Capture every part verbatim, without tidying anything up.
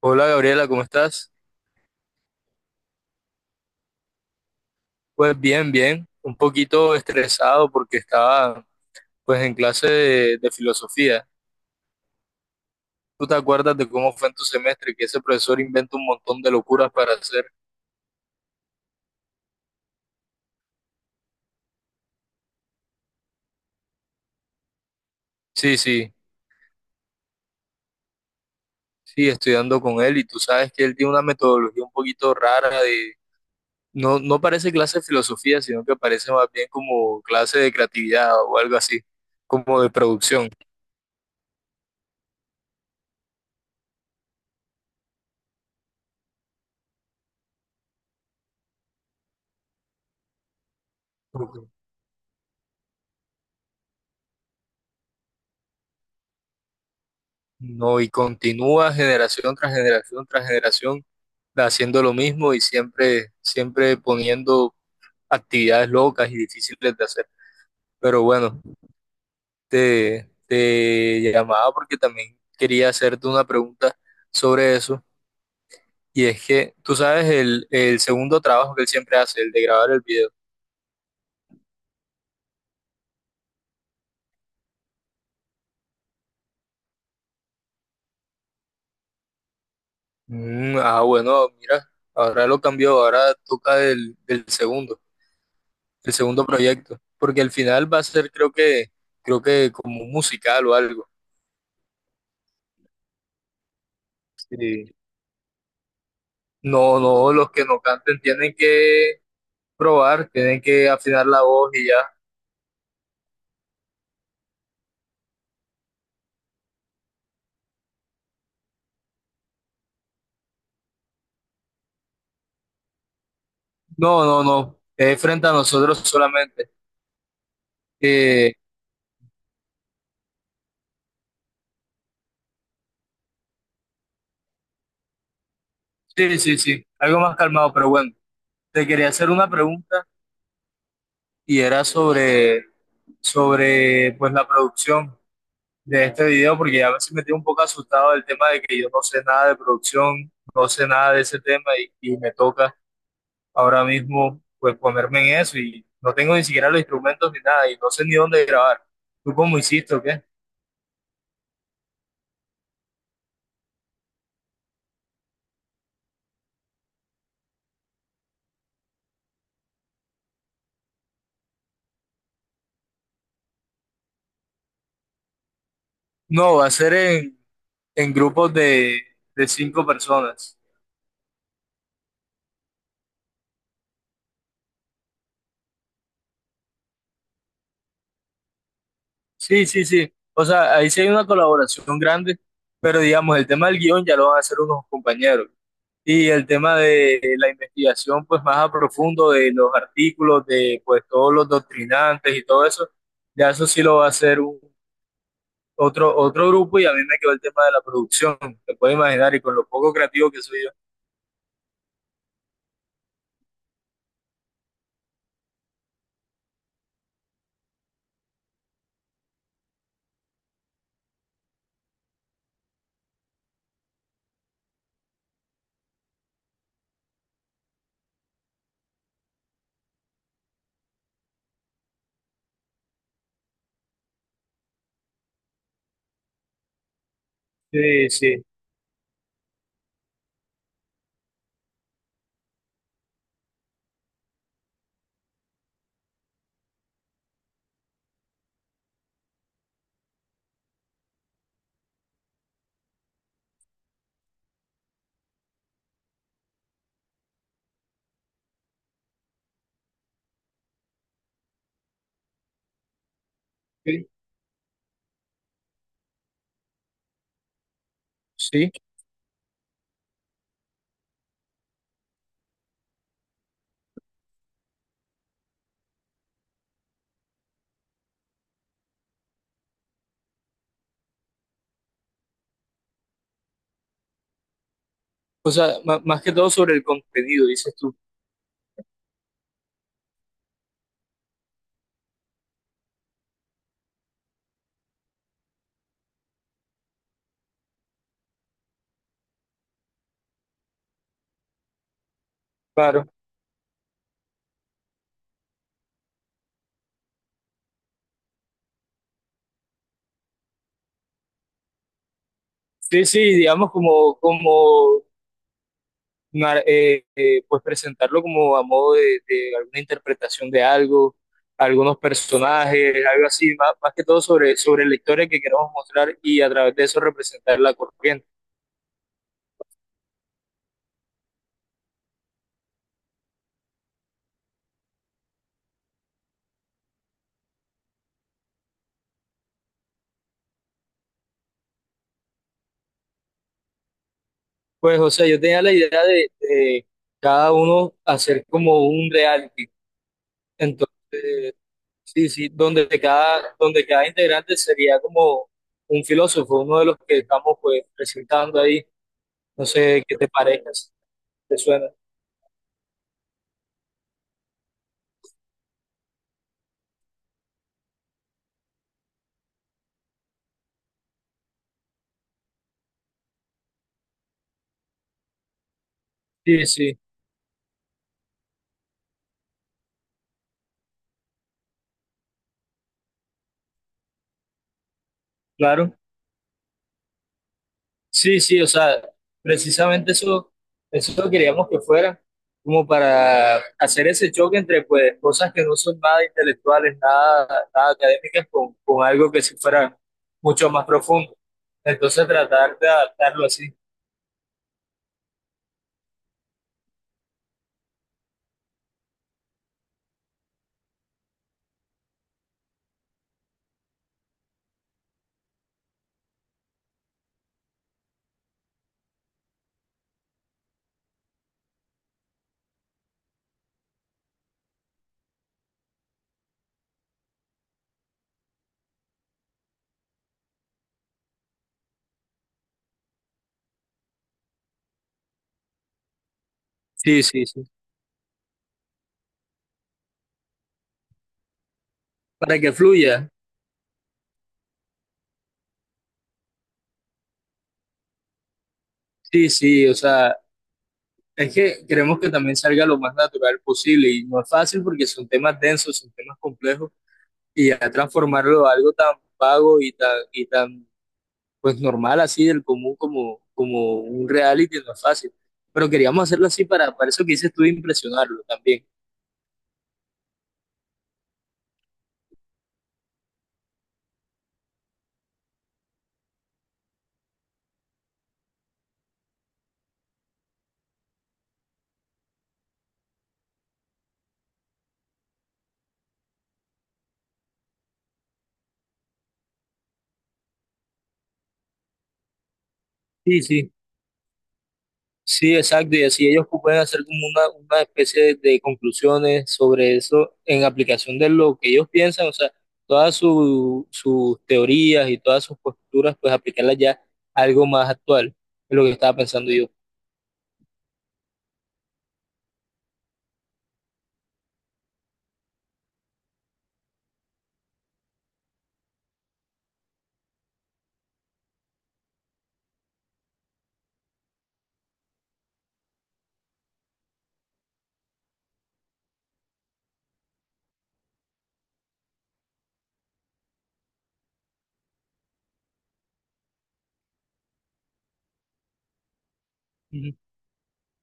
Hola Gabriela, ¿cómo estás? Pues bien, bien, un poquito estresado porque estaba pues en clase de, de filosofía. ¿Tú te acuerdas de cómo fue en tu semestre que ese profesor inventa un montón de locuras para hacer? Sí, sí, sí, estudiando con él y tú sabes que él tiene una metodología un poquito rara de... No, no parece clase de filosofía, sino que parece más bien como clase de creatividad o algo así, como de producción. No, y continúa generación tras generación tras generación haciendo lo mismo y siempre, siempre poniendo actividades locas y difíciles de hacer. Pero bueno, te, te llamaba porque también quería hacerte una pregunta sobre eso. Y es que, tú sabes, el, el segundo trabajo que él siempre hace, el de grabar el video. Mm, ah, bueno, mira, ahora lo cambió, ahora toca el, el segundo. El segundo proyecto, porque al final va a ser creo que, creo que como un musical o algo. Sí. No, no, los que no canten tienen que probar, tienen que afinar la voz y ya. No, no, no, es frente a nosotros solamente. Eh, sí, sí, sí, algo más calmado, pero bueno, te quería hacer una pregunta y era sobre, sobre pues la producción de este video, porque ya me metí un poco asustado del tema de que yo no sé nada de producción, no sé nada de ese tema y, y me toca ahora mismo, pues ponerme en eso y no tengo ni siquiera los instrumentos ni nada y no sé ni dónde grabar. ¿Tú cómo hiciste o qué? No, va a ser en, en grupos de, de cinco personas. Sí, sí, sí. O sea, ahí sí hay una colaboración grande, pero digamos, el tema del guión ya lo van a hacer unos compañeros. Y el tema de la investigación, pues más a profundo de los artículos, de pues todos los doctrinantes y todo eso, ya eso sí lo va a hacer otro, otro grupo y a mí me quedó el tema de la producción, te puedes imaginar, y con lo poco creativo que soy yo. Sí, sí, sí. Sí. O sea, ma- más que todo sobre el contenido, dices tú. Claro. Sí, sí, digamos como, como nar- eh, eh, pues presentarlo como a modo de, de alguna interpretación de algo, algunos personajes, algo así, más, más que todo sobre, sobre la historia que queremos mostrar y a través de eso representar la corriente. Pues, o sea, yo tenía la idea de, de cada uno hacer como un reality. Entonces, sí, sí, donde cada, donde cada integrante sería como un filósofo, uno de los que estamos pues presentando ahí. No sé qué te parezca, si te suena. Sí, sí, claro. Sí, sí, o sea, precisamente eso, eso queríamos que fuera, como para hacer ese choque entre pues cosas que no son nada intelectuales, nada, nada académicas, con, con algo que sí fuera mucho más profundo. Entonces tratar de adaptarlo así. Sí, sí, sí. Para que fluya. Sí, sí, o sea, es que queremos que también salga lo más natural posible y no es fácil porque son temas densos, son temas complejos y ya transformarlo a algo tan vago y tan, y tan pues normal, así del común, como, como un reality, no es fácil. Pero queríamos hacerlo así para, para eso que dices tú, de impresionarlo también. Sí, sí, sí, exacto. Y así ellos pueden hacer como una, una especie de, de conclusiones sobre eso en aplicación de lo que ellos piensan, o sea, todas su- sus teorías y todas sus posturas, pues aplicarlas ya a algo más actual, es lo que estaba pensando yo.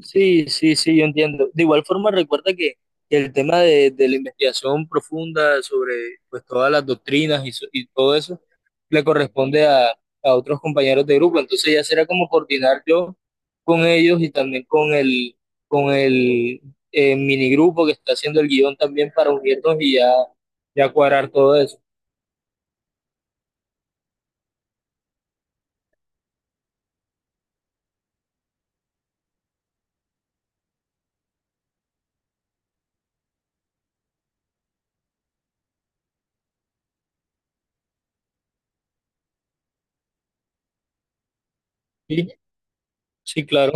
Sí, sí, sí, yo entiendo. De igual forma, recuerda que el tema de, de la investigación profunda sobre pues, todas las doctrinas y, so- y todo eso le corresponde a, a otros compañeros de grupo. Entonces ya será como coordinar yo con ellos y también con el, con el eh, minigrupo que está haciendo el guión también para unirnos y ya, ya cuadrar todo eso. Sí, sí, claro.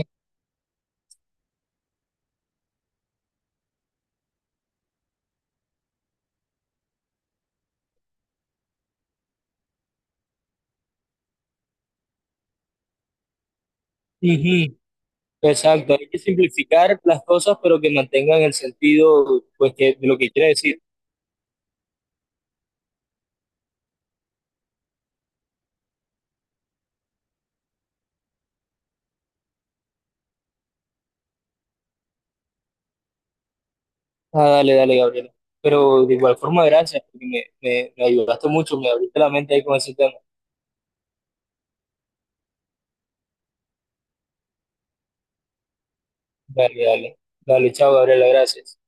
Ujú. Exacto, hay que simplificar las cosas, pero que mantengan el sentido pues, que, de lo que quiere decir. Ah, dale, dale, Gabriela. Pero de igual forma, gracias, porque me, me, me ayudaste mucho, me abriste la mente ahí con ese tema. Dale, dale. Dale, chao, Gabriela, gracias.